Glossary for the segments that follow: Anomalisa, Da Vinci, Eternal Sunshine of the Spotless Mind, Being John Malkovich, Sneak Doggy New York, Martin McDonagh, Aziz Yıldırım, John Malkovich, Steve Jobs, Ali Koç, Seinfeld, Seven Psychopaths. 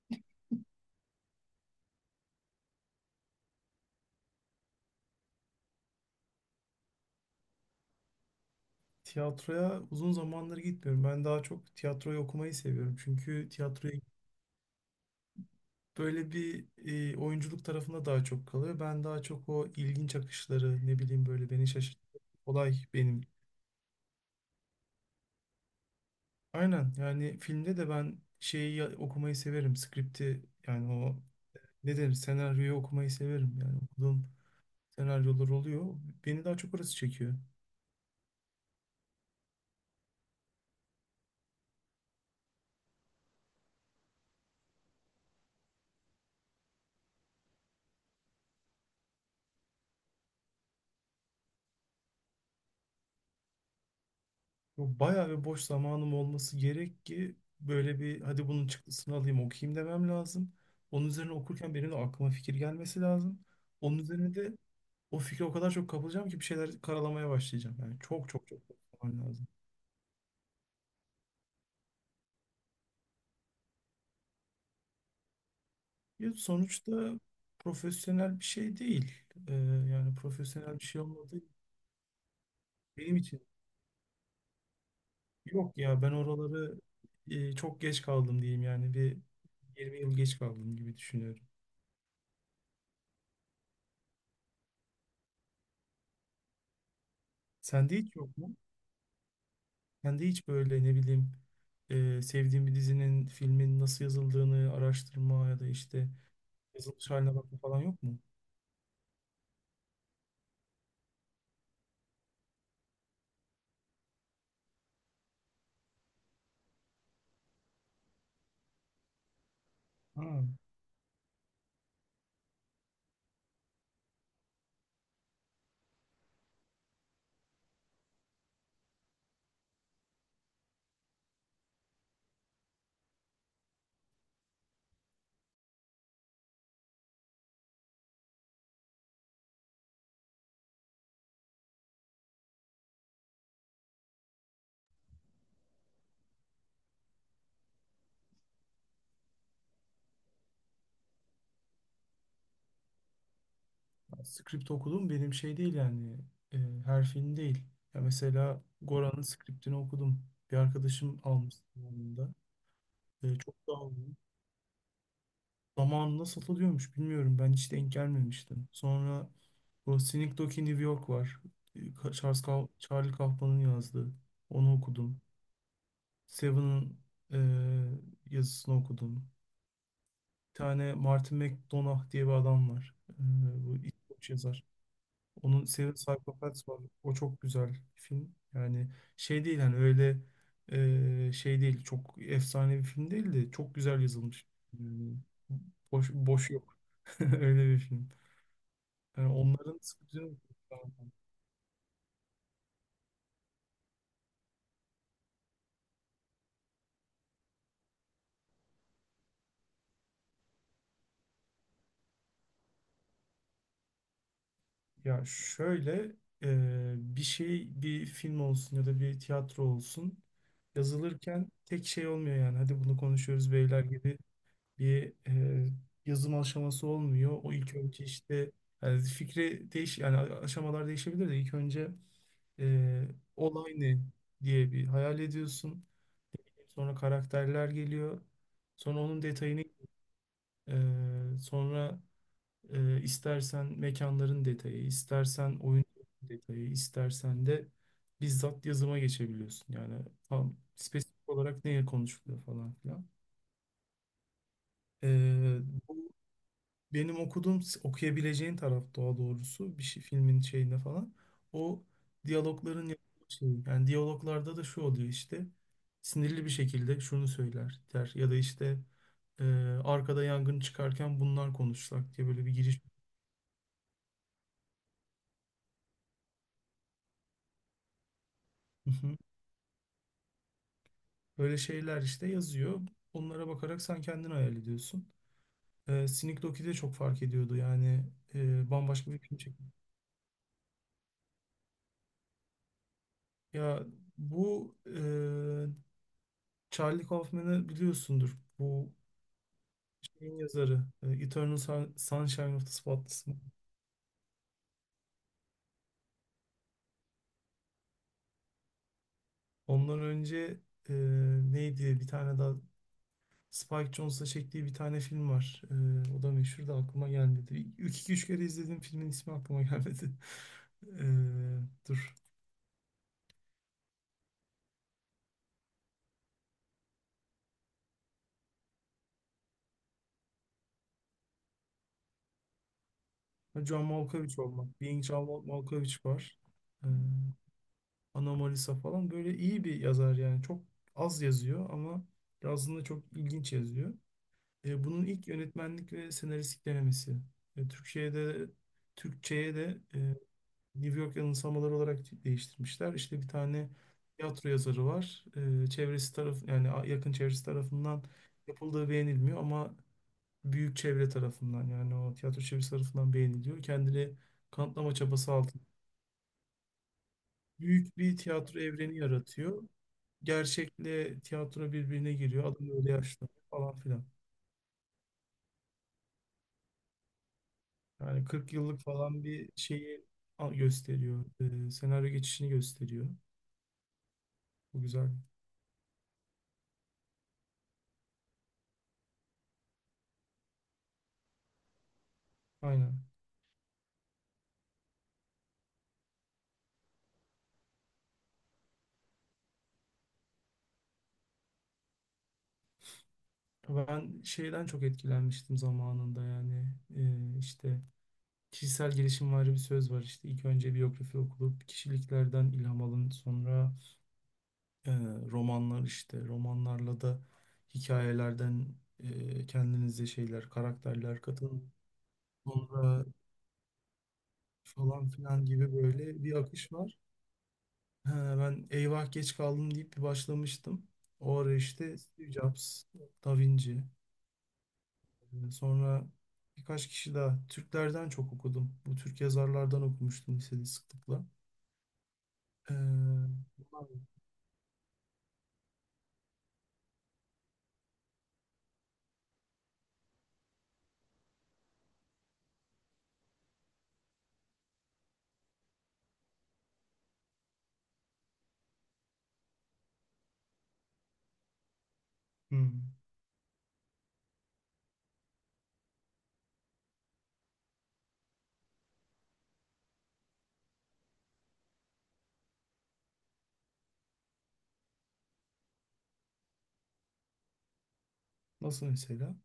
Tiyatroya uzun zamandır gitmiyorum. Ben daha çok tiyatroyu okumayı seviyorum. Çünkü tiyatroya böyle bir oyunculuk tarafında daha çok kalıyor. Ben daha çok o ilginç akışları, ne bileyim böyle beni şaşırtan olay benim. Aynen, yani filmde de ben okumayı severim. Skripti, yani o ne denir, senaryoyu okumayı severim. Yani okuduğum senaryolar oluyor. Beni daha çok orası çekiyor. Bu bayağı bir boş zamanım olması gerek ki böyle bir hadi bunun çıktısını alayım okuyayım demem lazım. Onun üzerine okurken benim de aklıma fikir gelmesi lazım. Onun üzerine de o fikre o kadar çok kapılacağım ki bir şeyler karalamaya başlayacağım. Yani çok çok çok zaman lazım. Ya sonuçta profesyonel bir şey değil. Ee, Yani profesyonel bir şey olmadığı benim için, yok ya, ben oraları çok geç kaldım diyeyim yani bir 20 yıl geç kaldım gibi düşünüyorum. Sende hiç yok mu? Sende hiç böyle, ne bileyim, sevdiğin bir dizinin, filmin nasıl yazıldığını araştırma ya da işte yazılmış haline bakma falan yok mu? Ha, ben script okudum, benim şey değil yani, e, her film değil. Ya mesela Goran'ın scriptini okudum. Bir arkadaşım almıştı zamanında. E, çok da aldım. Zamanında satılıyormuş, bilmiyorum, ben hiç denk gelmemiştim. Sonra bu Sneak Doggy New York var. Charlie Kaufman'ın yazdığı. Onu okudum. Seven'ın yazısını okudum. Bir tane Martin McDonagh diye bir adam var. Bu İskoç yazar. Onun Seven Psychopaths var. O çok güzel bir film. Yani şey değil hani öyle, şey değil. Çok efsane bir film değil de çok güzel yazılmış. Yani boş, boş yok. Öyle bir film. Yani onların... Ya şöyle, e, bir şey, bir film olsun ya da bir tiyatro olsun, yazılırken tek şey olmuyor yani hadi bunu konuşuyoruz beyler gibi bir yazım aşaması olmuyor. O ilk önce işte, yani fikri değiş, aşamalar değişebilir de ilk önce e, olay ne diye bir hayal ediyorsun. Sonra karakterler geliyor. Sonra onun detayını, sonra istersen mekanların detayı, istersen oyun detayı, istersen de bizzat yazıma geçebiliyorsun. Yani tam spesifik olarak neye konuşuluyor falan filan. E, Bu benim okuduğum, okuyabileceğin taraf daha doğrusu bir şey, filmin şeyinde falan. O diyalogların yapıldığı şey. Yani diyaloglarda da şu oluyor işte. Sinirli bir şekilde şunu söyler der ya da işte e, arkada yangın çıkarken bunlar konuşsak diye böyle bir giriş. Böyle şeyler işte yazıyor. Onlara bakarak sen kendin hayal ediyorsun. Sneak Doki de çok fark ediyordu. Yani bambaşka bir film çekti. Ya bu, Charlie Kaufman'ı biliyorsundur. Bu şeyin yazarı. Sunshine of the Spotless Mind. Ondan önce e, neydi? Bir tane daha, Spike Jonze'la çektiği bir tane film var. O da meşhur da aklıma gelmedi. İlk iki üç kere izlediğim filmin ismi aklıma gelmedi. E, Dur, John Malkovich olmak. Malkovich var. Ee, Anomalisa falan. Böyle iyi bir yazar yani. Çok az yazıyor ama yazında çok ilginç yazıyor. Bunun ilk yönetmenlik ve senaristlik denemesi. Ee, Türkçe'de Türkçe'ye de New York Yanılsamaları olarak değiştirmişler. İşte bir tane tiyatro yazarı var. Çevresi taraf yani, yakın çevresi tarafından yapıldığı beğenilmiyor ama büyük çevre tarafından, yani o tiyatro çevresi tarafından beğeniliyor. Kendini kanıtlama çabası altında. Büyük bir tiyatro evreni yaratıyor. Gerçekle tiyatro birbirine giriyor. Adam öyle yaşlanıyor falan filan. Yani 40 yıllık falan bir şeyi gösteriyor. Senaryo geçişini gösteriyor. Bu güzel. Aynen. Ben şeyden çok etkilenmiştim zamanında yani. İşte kişisel gelişim var, bir söz var işte, ilk önce biyografi okulup kişiliklerden ilham alın, sonra Ee, romanlar, işte romanlarla da hikayelerden kendinize şeyler, karakterler katın, sonra falan filan gibi böyle bir akış var. He, ben eyvah geç kaldım deyip bir başlamıştım. O ara işte Steve Jobs, Da Vinci, sonra birkaç kişi daha. Türklerden çok okudum. Bu Türk yazarlardan okumuştum lisede sıklıkla. Ee, bunlar- hmm, Nasıl mesela?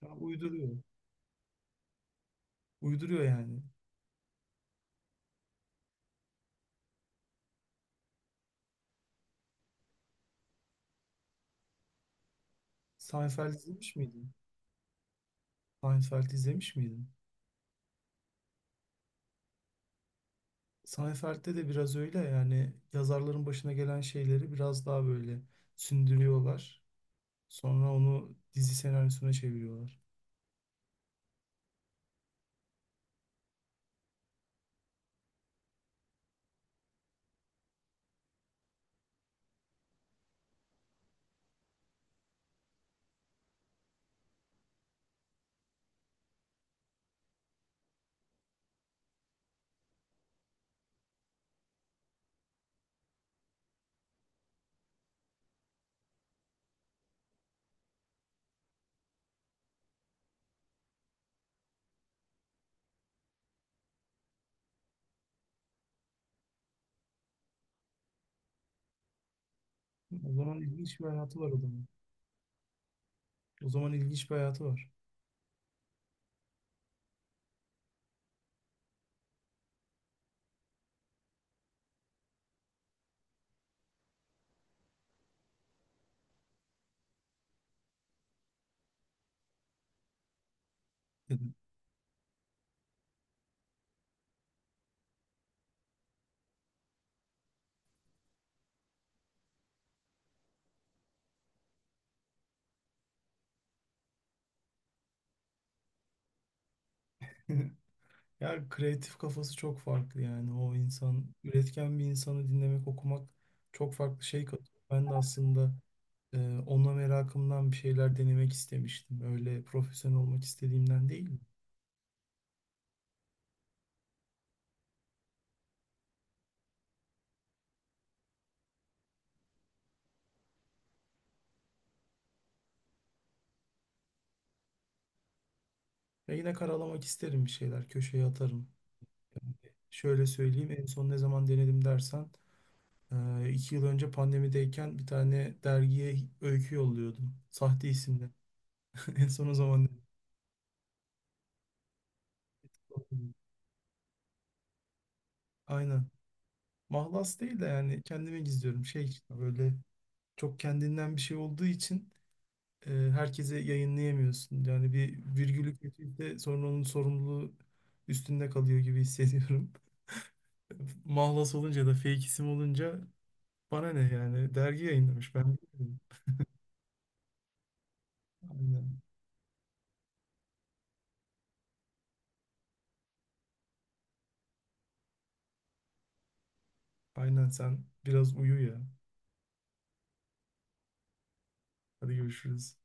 Ya uyduruyor. Uyduruyor yani. Seinfeld izlemiş miydin? Seinfeld izlemiş miydin? Seinfeld'de de biraz öyle, yani yazarların başına gelen şeyleri biraz daha böyle sündürüyorlar. Sonra onu dizi senaryosuna çeviriyorlar. O zaman ilginç bir hayatı var adamın. O zaman ilginç bir hayatı var dedim. Ya kreatif kafası çok farklı yani. O insan, üretken bir insanı dinlemek, okumak çok farklı şey katıyor. Ben de aslında, onunla merakımdan bir şeyler denemek istemiştim. Öyle profesyonel olmak istediğimden değil. Ya yine karalamak isterim bir şeyler. Köşeye atarım. Yani şöyle söyleyeyim, en son ne zaman denedim dersen, 2 yıl önce pandemideyken bir tane dergiye öykü yolluyordum. Sahte isimle. En son o zaman denedim. Aynen. Mahlas değil de, yani kendime gizliyorum. Şey işte, böyle çok kendinden bir şey olduğu için herkese yayınlayamıyorsun. Yani bir virgülü kötüyse sonra onun sorumluluğu üstünde kalıyor gibi hissediyorum. Mahlas olunca da, fake isim olunca, bana ne yani, dergi yayınlamış, ben bilmiyorum. Aynen. Aynen sen biraz uyu ya. Hadi görüşürüz.